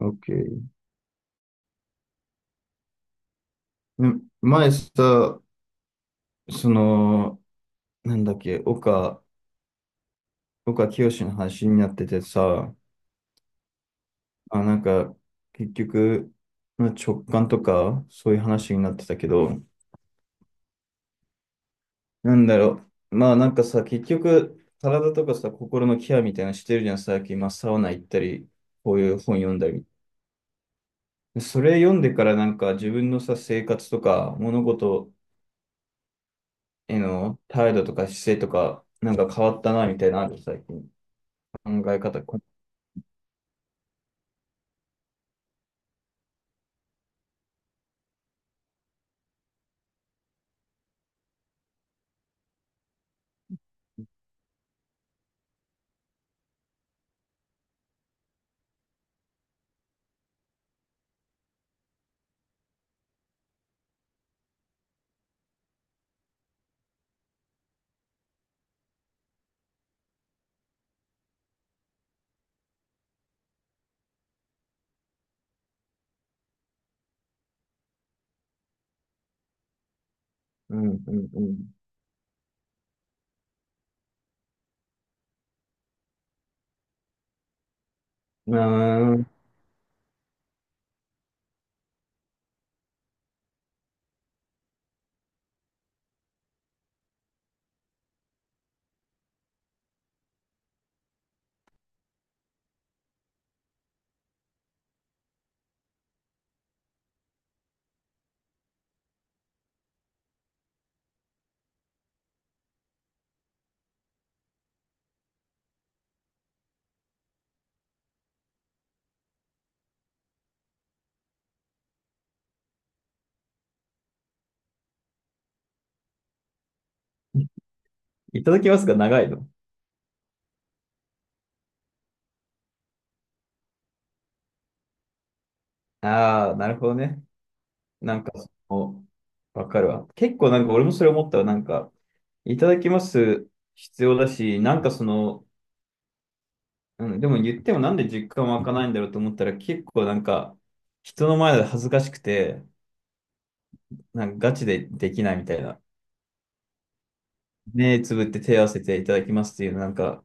OK。ね前さ、その、なんだっけ、岡清の話になっててさ、あ、なんか、結局、まあ直感とか、そういう話になってたけど、なんだろう、まあなんかさ、結局、体とかさ、心のケアみたいなのしてるじゃん、最近、まあ、サウナ行ったり、こういう本読んだり。でそれ読んでからなんか、自分のさ、生活とか、物事への態度とか姿勢とか、なんか変わったな、みたいなのある、最近。考え方、うん、うん、うん。うーん。いただきますが長いの？ああ、なるほどね。なんか、わかるわ。結構なんか俺もそれ思ったら、なんか、いただきます必要だし、なんかうん、でも言ってもなんで実感湧かないんだろうと思ったら、結構なんか、人の前で恥ずかしくて、なんかガチでできないみたいな。目つぶって手を合わせていただきますっていう、なんか、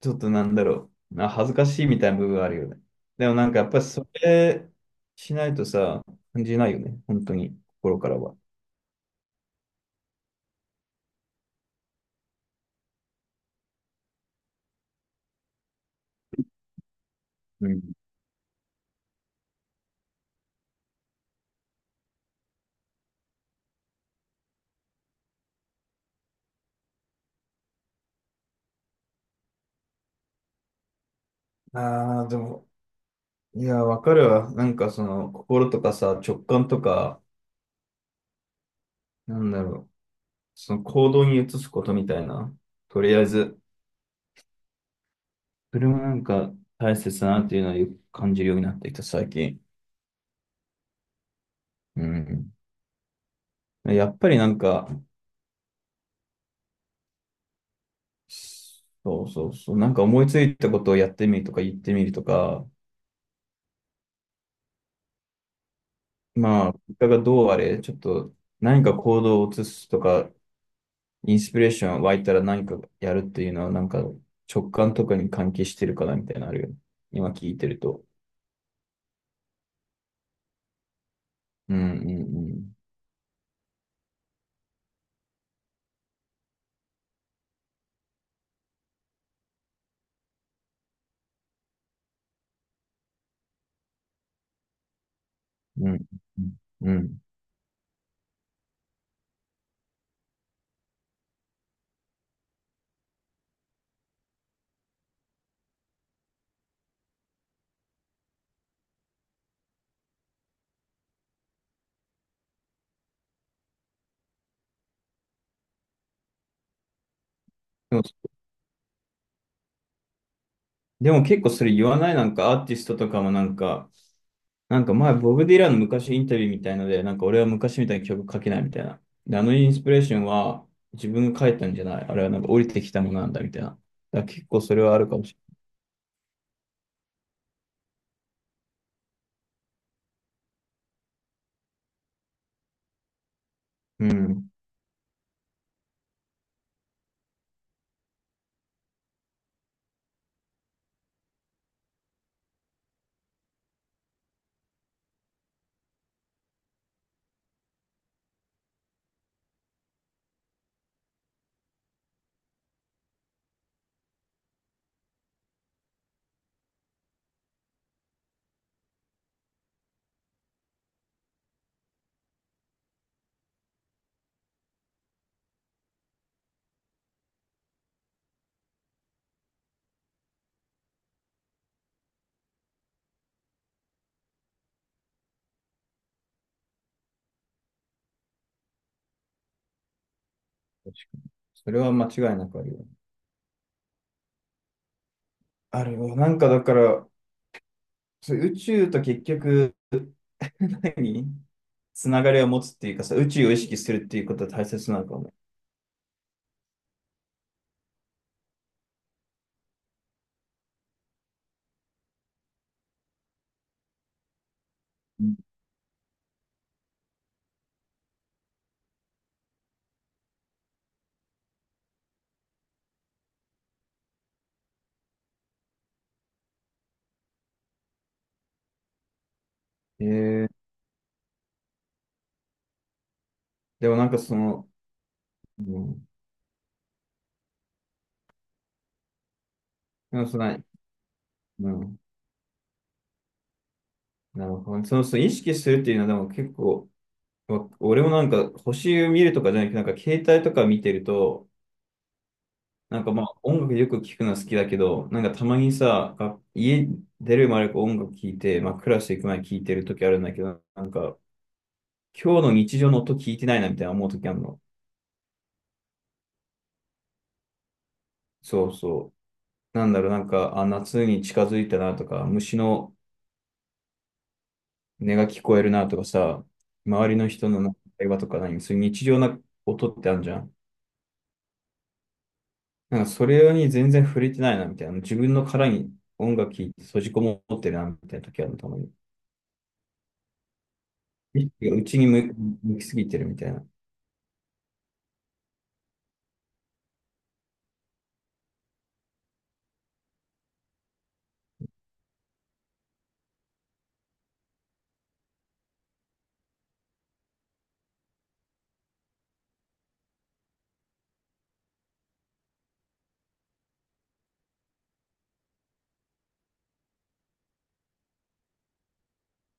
ちょっとなんだろう。恥ずかしいみたいな部分があるよね。でもなんかやっぱりそれしないとさ、感じないよね。本当に、心からは。うん。ああ、でも、いや、わかるわ。なんか心とかさ、直感とか、なんだろう。その行動に移すことみたいな。とりあえず、それもなんか大切だなっていうのはよく感じるようになってきた、最近。うん。やっぱりなんか、そうそうそう。なんか思いついたことをやってみるとか言ってみるとか、まあ、結果がどうあれ、ちょっと何か行動を移すとか、インスピレーション湧いたら何かやるっていうのは、なんか直感とかに関係してるかなみたいなのあるよね。今聞いてると。うんうんうん。うんうん。うんでも、でも結構それ言わないなんかアーティストとかもなんか、なんか前、ボブ・ディランの昔インタビューみたいので、なんか俺は昔みたいに曲書けないみたいな。で、あのインスピレーションは自分が書いたんじゃない。あれはなんか降りてきたものなんだみたいな。だから結構それはあるかもしれない。うん。確かに。それは間違いなくあるよね。あるよ。なんかだから、そう宇宙と結局、何つながりを持つっていうかさ、宇宙を意識するっていうことは大切なのかもね。うんえー、でもなんかうん、でもうん、なるほど。その意識するっていうのはでも結構、俺もなんか星を見るとかじゃなくて、なんか携帯とか見てると、なんかまあ音楽よく聞くのは好きだけど、なんかたまにさ、家出る前と音楽聞いて、まあクラス行く前に聞いてる時あるんだけど、なんか今日の日常の音聞いてないなみたいな思う時あるの。そうそう。なんだろう、なんか、あ、夏に近づいたなとか、虫の音が聞こえるなとかさ、周りの人の会話とかそういう日常な音ってあるじゃん。なんかそれに全然触れてないな、みたいな。自分の殻に音楽聴いて閉じこもってるな、みたいな時あるたまに。意識が内に向きすぎてるみたいな。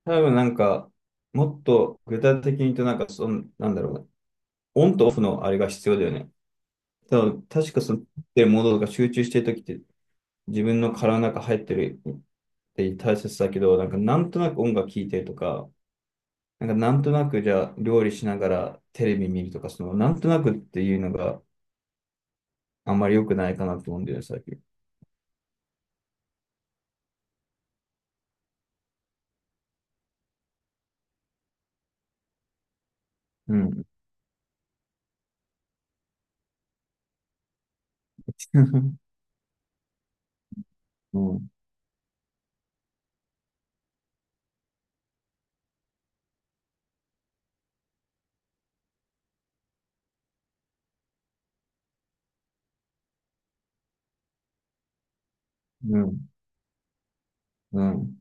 多分なんか、もっと具体的に言うと、なんかなんだろうな。オンとオフのあれが必要だよね。多分確かその、ってるものとか集中してる時って、自分の殻の中入ってるって大切だけど、なんかなんとなく音楽聴いてるとか、なんかなんとなくじゃあ料理しながらテレビ見るとか、そのなんとなくっていうのがあんまり良くないかなと思うんだよね、最近。うん。うん。うん。うん。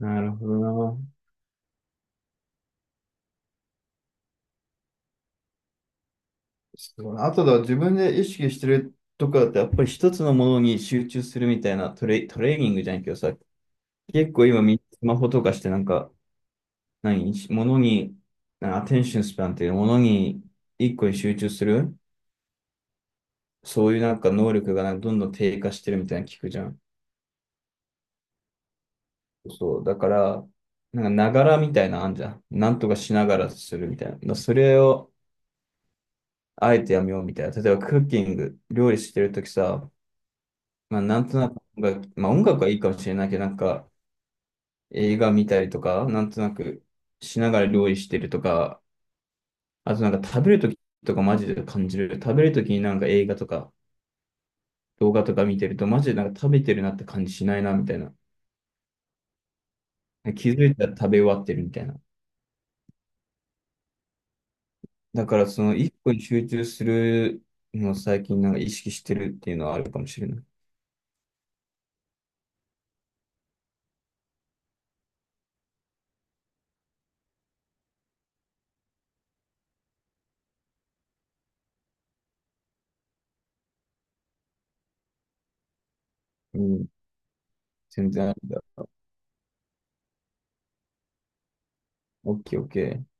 なるほどな。すごいあとだ、自分で意識してるとかってやっぱり一つのものに集中するみたいなトレーニングじゃないけどさ、結構今みんなスマホとかしてなんか、ものに、アテンションスパンっていうものに一個に集中する、そういうなんか能力がなんかどんどん低下してるみたいなの聞くじゃん。そう、だから、なんかながらみたいなのあんじゃん。なんとかしながらするみたいな。それを、あえてやめようみたいな。例えばクッキング、料理してるときさ、まあなんとなく音楽、まあ音楽はいいかもしれないけど、なんか映画見たりとか、なんとなくしながら料理してるとか、あとなんか食べるときとかマジで感じる。食べるときになんか映画とか動画とか見てると、マジでなんか食べてるなって感じしないなみたいな。気づいたら食べ終わってるみたいな。だからその一個に集中するのを最近なんか意識してるっていうのはあるかもしれない。うん、全然あるんだ。オッケーオッケー。